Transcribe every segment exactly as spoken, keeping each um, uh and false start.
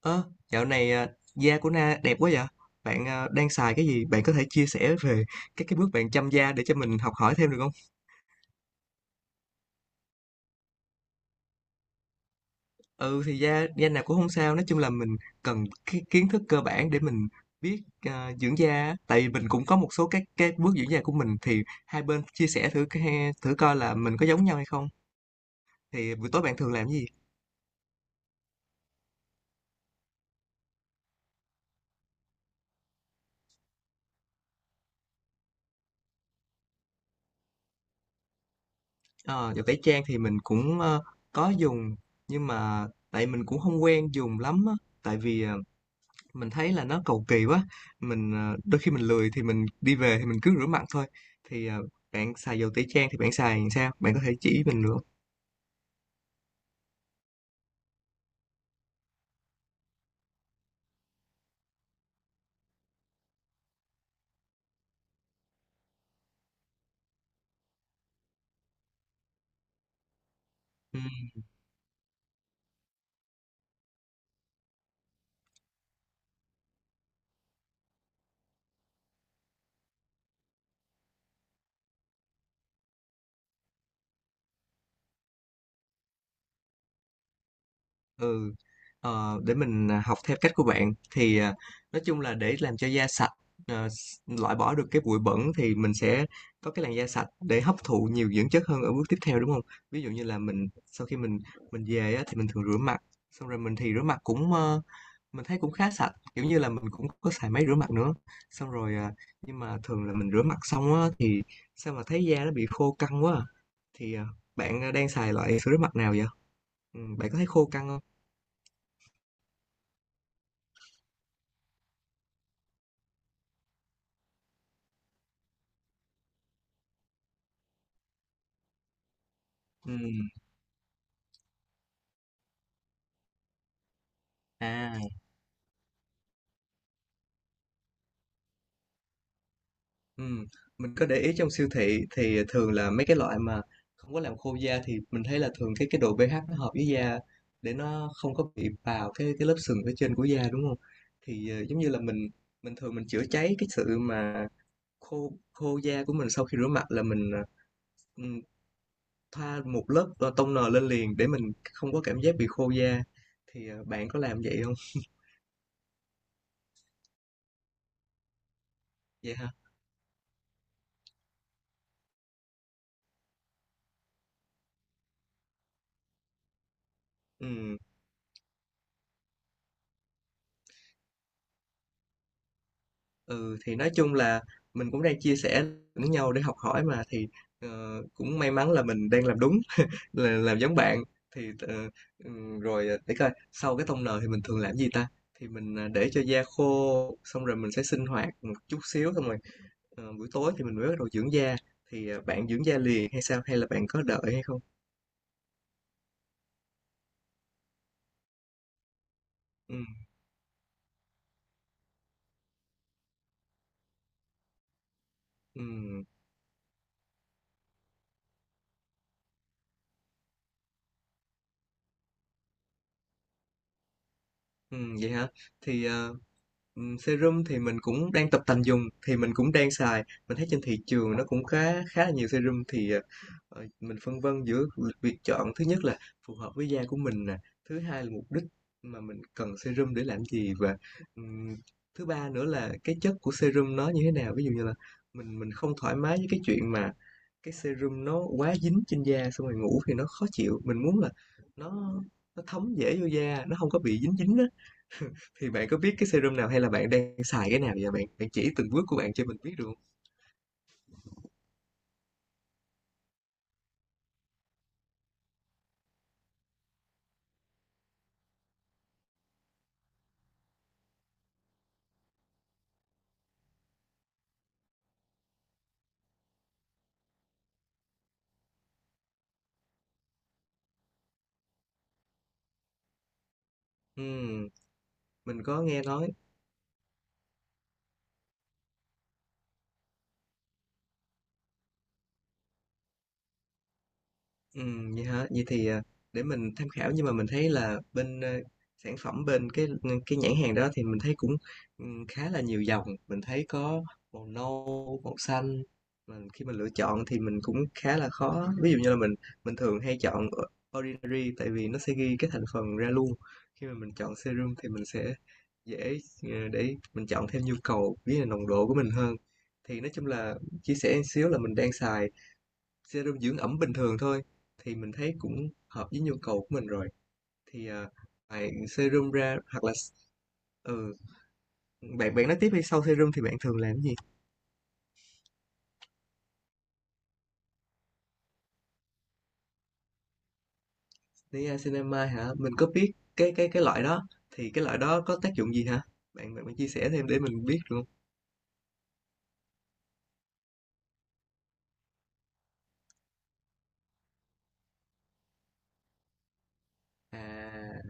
Ơ, dạo này, à, da của Na đẹp quá vậy? Bạn à, đang xài cái gì? Bạn có thể chia sẻ về các cái bước bạn chăm da để cho mình học hỏi thêm được không? Ừ thì da da nào cũng không sao, nói chung là mình cần cái kiến thức cơ bản để mình biết à, dưỡng da, á. Tại vì mình cũng có một số các cái bước dưỡng da của mình thì hai bên chia sẻ thử cái- thử coi là mình có giống nhau hay không. Thì buổi tối bạn thường làm cái gì? Ờ, Đồ tẩy trang thì mình cũng ờ, có dùng nhưng mà tại mình cũng không quen dùng lắm á. Tại vì à, mình thấy là nó cầu kỳ quá mình ờ, đôi khi mình lười thì mình đi về thì mình cứ rửa mặt thôi thì ờ, bạn xài dầu tẩy trang thì bạn xài làm sao bạn có thể chỉ mình được không? Ừ, ừ. Ờ, để mình ờ, học theo cách của bạn thì ờ, nói chung là để làm cho da sạch, ờ, s- loại bỏ được cái bụi bẩn thì mình sẽ có cái làn da sạch để hấp thụ nhiều dưỡng chất hơn ở bước tiếp theo, đúng không? Ví dụ như là mình, sau khi mình mình về á, thì mình thường rửa mặt xong rồi mình thì rửa mặt cũng ờ, Mình thấy cũng khá sạch, kiểu như là, mình cũng có xài máy rửa mặt nữa. Xong rồi, à, nhưng mà thường là mình rửa mặt xong á thì sao mà thấy da nó bị khô căng quá à. Thì, à, bạn, a, đang xài loại sữa rửa mặt nào vậy? Ừm, bạn có thấy khô căng không? Ừm, à, ừm, mình có để ý trong siêu thị thì thường là mấy cái loại mà không có làm khô da, thì mình thấy là thường cái cái độ pê hát nó hợp với da, để nó không có bị vào cái cái lớp sừng phía trên của da, đúng không? Thì, ờ, giống như là, mình mình thường mình chữa cháy cái sự mà khô khô da của mình sau khi rửa mặt là mình, à, thoa một lớp, ờ, toner lên liền để mình không có cảm giác bị khô da. Thì, à, bạn có làm vậy không? Vậy hả? Ừm, ừ, thì nói chung là mình cũng đang chia sẻ lẫn nhau để học hỏi mà, thì, ờ, cũng may mắn là mình đang làm đúng, là làm giống bạn. Thì, ờ, ừm, rồi, à, để coi, sau cái toner thì mình thường làm gì ta? Thì mình, à, để cho da khô, xong rồi mình sẽ sinh hoạt một chút xíu xong rồi. Ờ, buổi tối thì mình mới bắt đầu dưỡng da, thì à, bạn dưỡng da liền hay sao, hay là bạn có đợi hay không? Ừ, ừ, ừ, vậy hả? Thì à, ừ, serum thì mình cũng đang tập tành dùng, thì mình cũng đang xài, mình thấy trên thị trường nó cũng khá khá là nhiều serum, thì à, ờ, mình phân vân giữa việc chọn, thứ nhất là phù hợp với da của mình nè, thứ hai là mục đích mà mình cần serum để làm gì, và ừm, thứ ba nữa là cái chất của serum nó như thế nào. Ví dụ như là mình mình không thoải mái với cái chuyện mà cái serum nó quá dính trên da, xong rồi ngủ thì nó khó chịu, mình muốn là nó nó thấm dễ vô da, nó không có bị dính dính á. Thì bạn có biết cái serum nào, hay là bạn đang xài cái nào vậy bạn? Bạn chỉ từng bước của bạn cho mình biết được hông? Ừm, mình có nghe nói. Ừm, vậy hả? Vậy thì, à, để mình tham khảo, nhưng mà mình thấy là bên, ơ, sản phẩm bên cái, ừ, cái nhãn hàng đó thì mình thấy cũng, ừm, khá là nhiều dòng, mình thấy có màu nâu, màu xanh, mà khi mình lựa chọn thì mình cũng khá là khó. Ví dụ như là mình mình thường hay chọn Ordinary, tại vì nó sẽ ghi cái thành phần ra luôn. Khi mà mình chọn serum thì mình sẽ dễ, ờ, để mình chọn theo nhu cầu, với là nồng độ của mình hơn. Thì nói chung là chia sẻ một xíu là mình đang xài serum dưỡng ẩm bình thường thôi, thì mình thấy cũng hợp với nhu cầu của mình rồi, thì à, ngoài serum ra hoặc là ừ, bạn bạn nói tiếp hay sau serum thì bạn thường làm gì? Niacinamide hả? Mình có biết cái cái cái loại đó. Thì cái loại đó có tác dụng gì hả bạn bạn, bạn chia sẻ thêm để mình biết luôn. À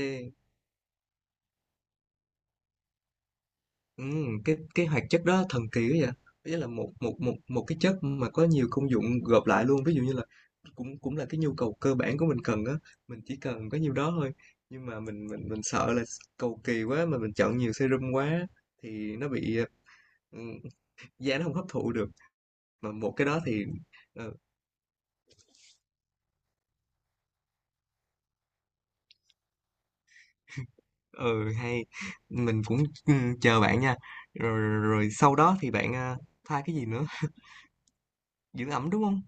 ê Ừm, cái cái hoạt chất đó thần kỳ quá vậy. Ý là một một một một cái chất mà có nhiều công dụng gộp lại luôn, ví dụ như là cũng cũng là cái nhu cầu cơ bản của mình cần á, mình chỉ cần có nhiêu đó thôi. Nhưng mà mình mình mình sợ là cầu kỳ quá mà mình chọn nhiều serum quá thì nó bị, ừm, da nó không hấp thụ được. Mà một cái đó thì ừ, ừ, hay, mình cũng ừm, chờ bạn nha. Rồi, rồi, rồi sau đó thì bạn à, pha cái gì nữa? Dưỡng ẩm đúng không?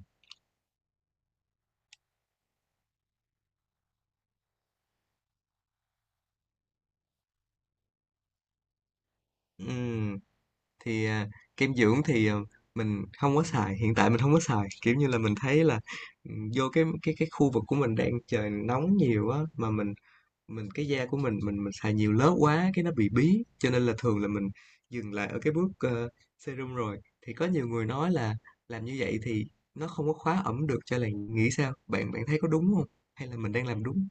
Ừm. Thì à, kem dưỡng thì à, mình không có xài, hiện tại mình không có xài, kiểu như là mình thấy là ừ, vô cái cái cái khu vực của mình đang trời nóng nhiều á, mà mình mình cái da của mình mình mình xài nhiều lớp quá cái nó bị bí, cho nên là thường là mình dừng lại ở cái bước ờ, serum rồi. Thì có nhiều người nói là làm như vậy thì nó không có khóa ẩm được cho làn, nghĩ sao? Bạn bạn thấy có đúng không, hay là mình đang làm đúng?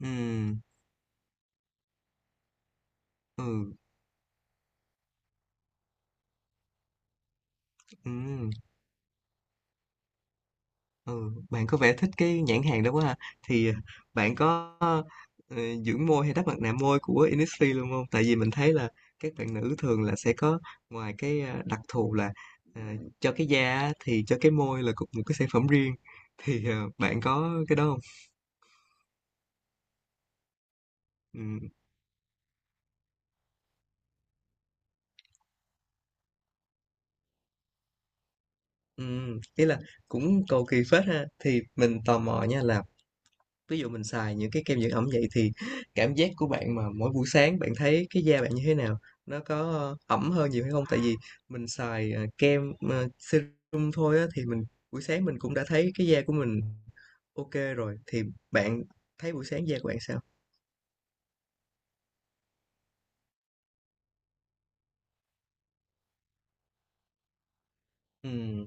Ừ, ừ, ừ. Ừ, bạn có vẻ thích cái nhãn hàng đó quá ha. Thì ờ, bạn có ờ, dưỡng môi hay đắp mặt nạ môi của Innisfree luôn không? Tại vì mình thấy là các bạn nữ thường là sẽ có, ngoài cái ờ, đặc thù là ờ, cho cái da á, thì cho cái môi là cũng một cái sản phẩm riêng. Thì ờ, bạn có cái đó không? Ừ, ừ, ý là cũng cầu kỳ phết ha. Thì mình tò mò nha, là ví dụ mình xài những cái kem dưỡng ẩm vậy thì cảm giác của bạn mà mỗi buổi sáng bạn thấy cái da bạn như thế nào, nó có ờ, ẩm hơn nhiều hay không? Tại vì mình xài ờ, kem ờ, serum thôi á, thì mình buổi sáng mình cũng đã thấy cái da của mình ok rồi, thì bạn thấy buổi sáng da của bạn sao? Ừ,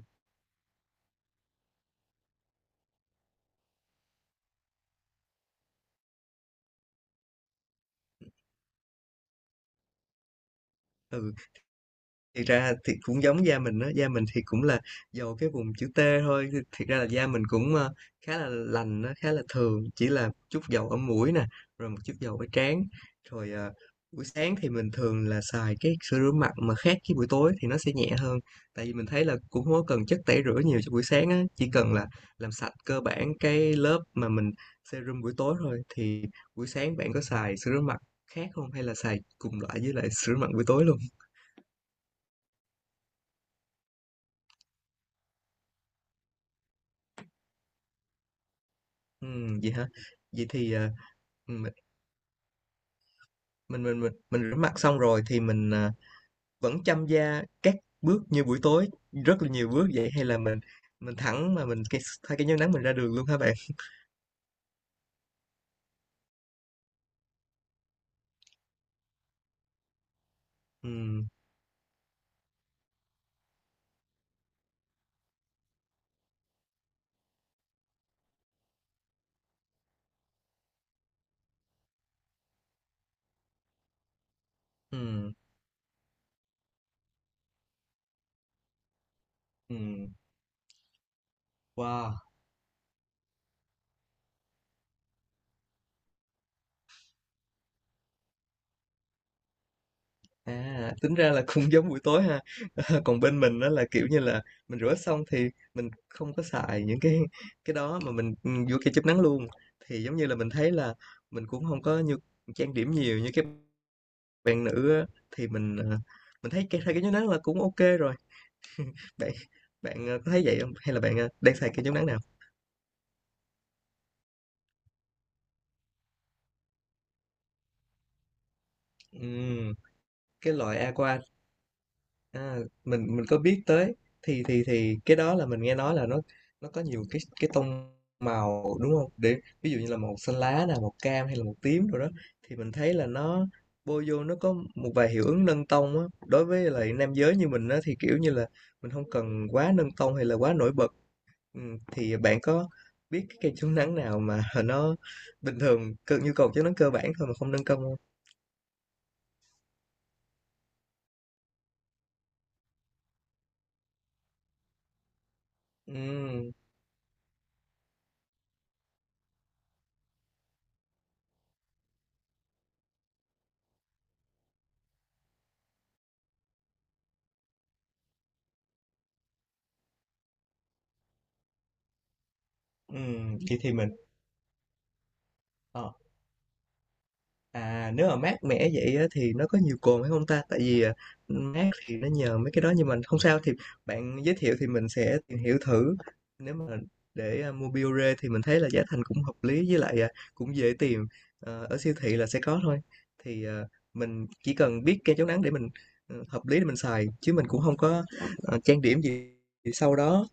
ừ. Thiệt ra thì cũng giống da mình đó, da mình thì cũng là dầu cái vùng chữ tê thôi, thì thiệt ra là da mình cũng, ơ, khá là lành, nó khá là thường, chỉ là chút dầu ở mũi nè, rồi một chút dầu ở trán. Rồi, ờ, buổi sáng thì mình thường là xài cái sữa rửa mặt mà khác với buổi tối, thì nó sẽ nhẹ hơn, tại vì mình thấy là cũng không có cần chất tẩy rửa nhiều cho buổi sáng á, chỉ cần là làm sạch cơ bản cái lớp mà mình serum buổi tối thôi. Thì buổi sáng bạn có xài sữa rửa mặt khác không, hay là xài cùng loại với lại sữa rửa mặt buổi tối luôn? Ừm, vậy hả? Vậy thì, à, mình mình mình mình mình rửa mặt xong rồi thì mình, à, vẫn chăm da các bước như buổi tối, rất là nhiều bước vậy, hay là mình mình thẳng mà mình cái thay cái chống nắng mình ra đường luôn hả bạn? Ừm, ừm, ừm, wow, à, tính ra là cũng giống buổi tối ha. Còn bên mình đó là, kiểu như là, mình rửa xong thì mình không có xài những cái cái đó, mà mình, ừm, vô kem chụp nắng luôn. Thì giống như là mình thấy là mình cũng không có như trang điểm nhiều như cái bạn nữ á, thì mình, ờ, mình thấy cái hai cái chống nắng là cũng ok rồi. Bạn bạn, ờ, có thấy vậy không? Hay là bạn, ờ, đang xài kem chống nắng nào? Ừm, cái loại Aqua, a, mình mình có biết tới, thì thì thì cái đó là mình nghe nói là nó nó có nhiều cái cái tông màu, đúng không? Để ví dụ như là màu xanh lá nè, màu cam hay là màu tím rồi đó, thì mình thấy là nó bôi vô nó có một vài hiệu ứng nâng tông á. Đối với lại nam giới như mình á, thì, kiểu như là, mình không cần quá nâng tông hay là quá nổi bật. Ừ, thì bạn có biết cái cây chống nắng nào mà nó bình thường cơ, nhu cầu chống nắng cơ bản thôi mà không nâng công không? Ừ, ừ, vậy thì mình ờ, À nếu mà mát mẻ vậy á, thì nó có nhiều cồn hay không ta? Tại vì à, mát thì nó nhờ mấy cái đó, nhưng mà không sao, thì bạn giới thiệu thì mình sẽ tìm hiểu thử. Nếu mà để à, mua Biore thì mình thấy là giá thành cũng hợp lý, với lại à, cũng dễ tìm. Ờ, ở siêu thị là sẽ có thôi. Thì à, mình chỉ cần biết kem chống nắng để mình ừ, hợp lý để mình xài, chứ mình cũng không có ờ, trang điểm gì. Thì sau đó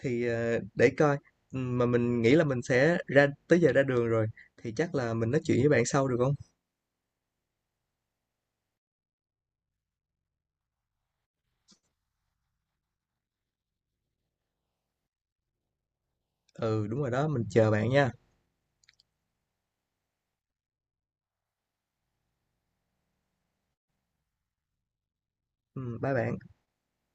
thì à, để coi, Ừ, mà mình nghĩ là mình sẽ ra tới giờ ra đường rồi, thì chắc là mình nói chuyện với bạn sau được không? Ừ, đúng rồi đó, mình chờ bạn nha. Ừm, bye bạn.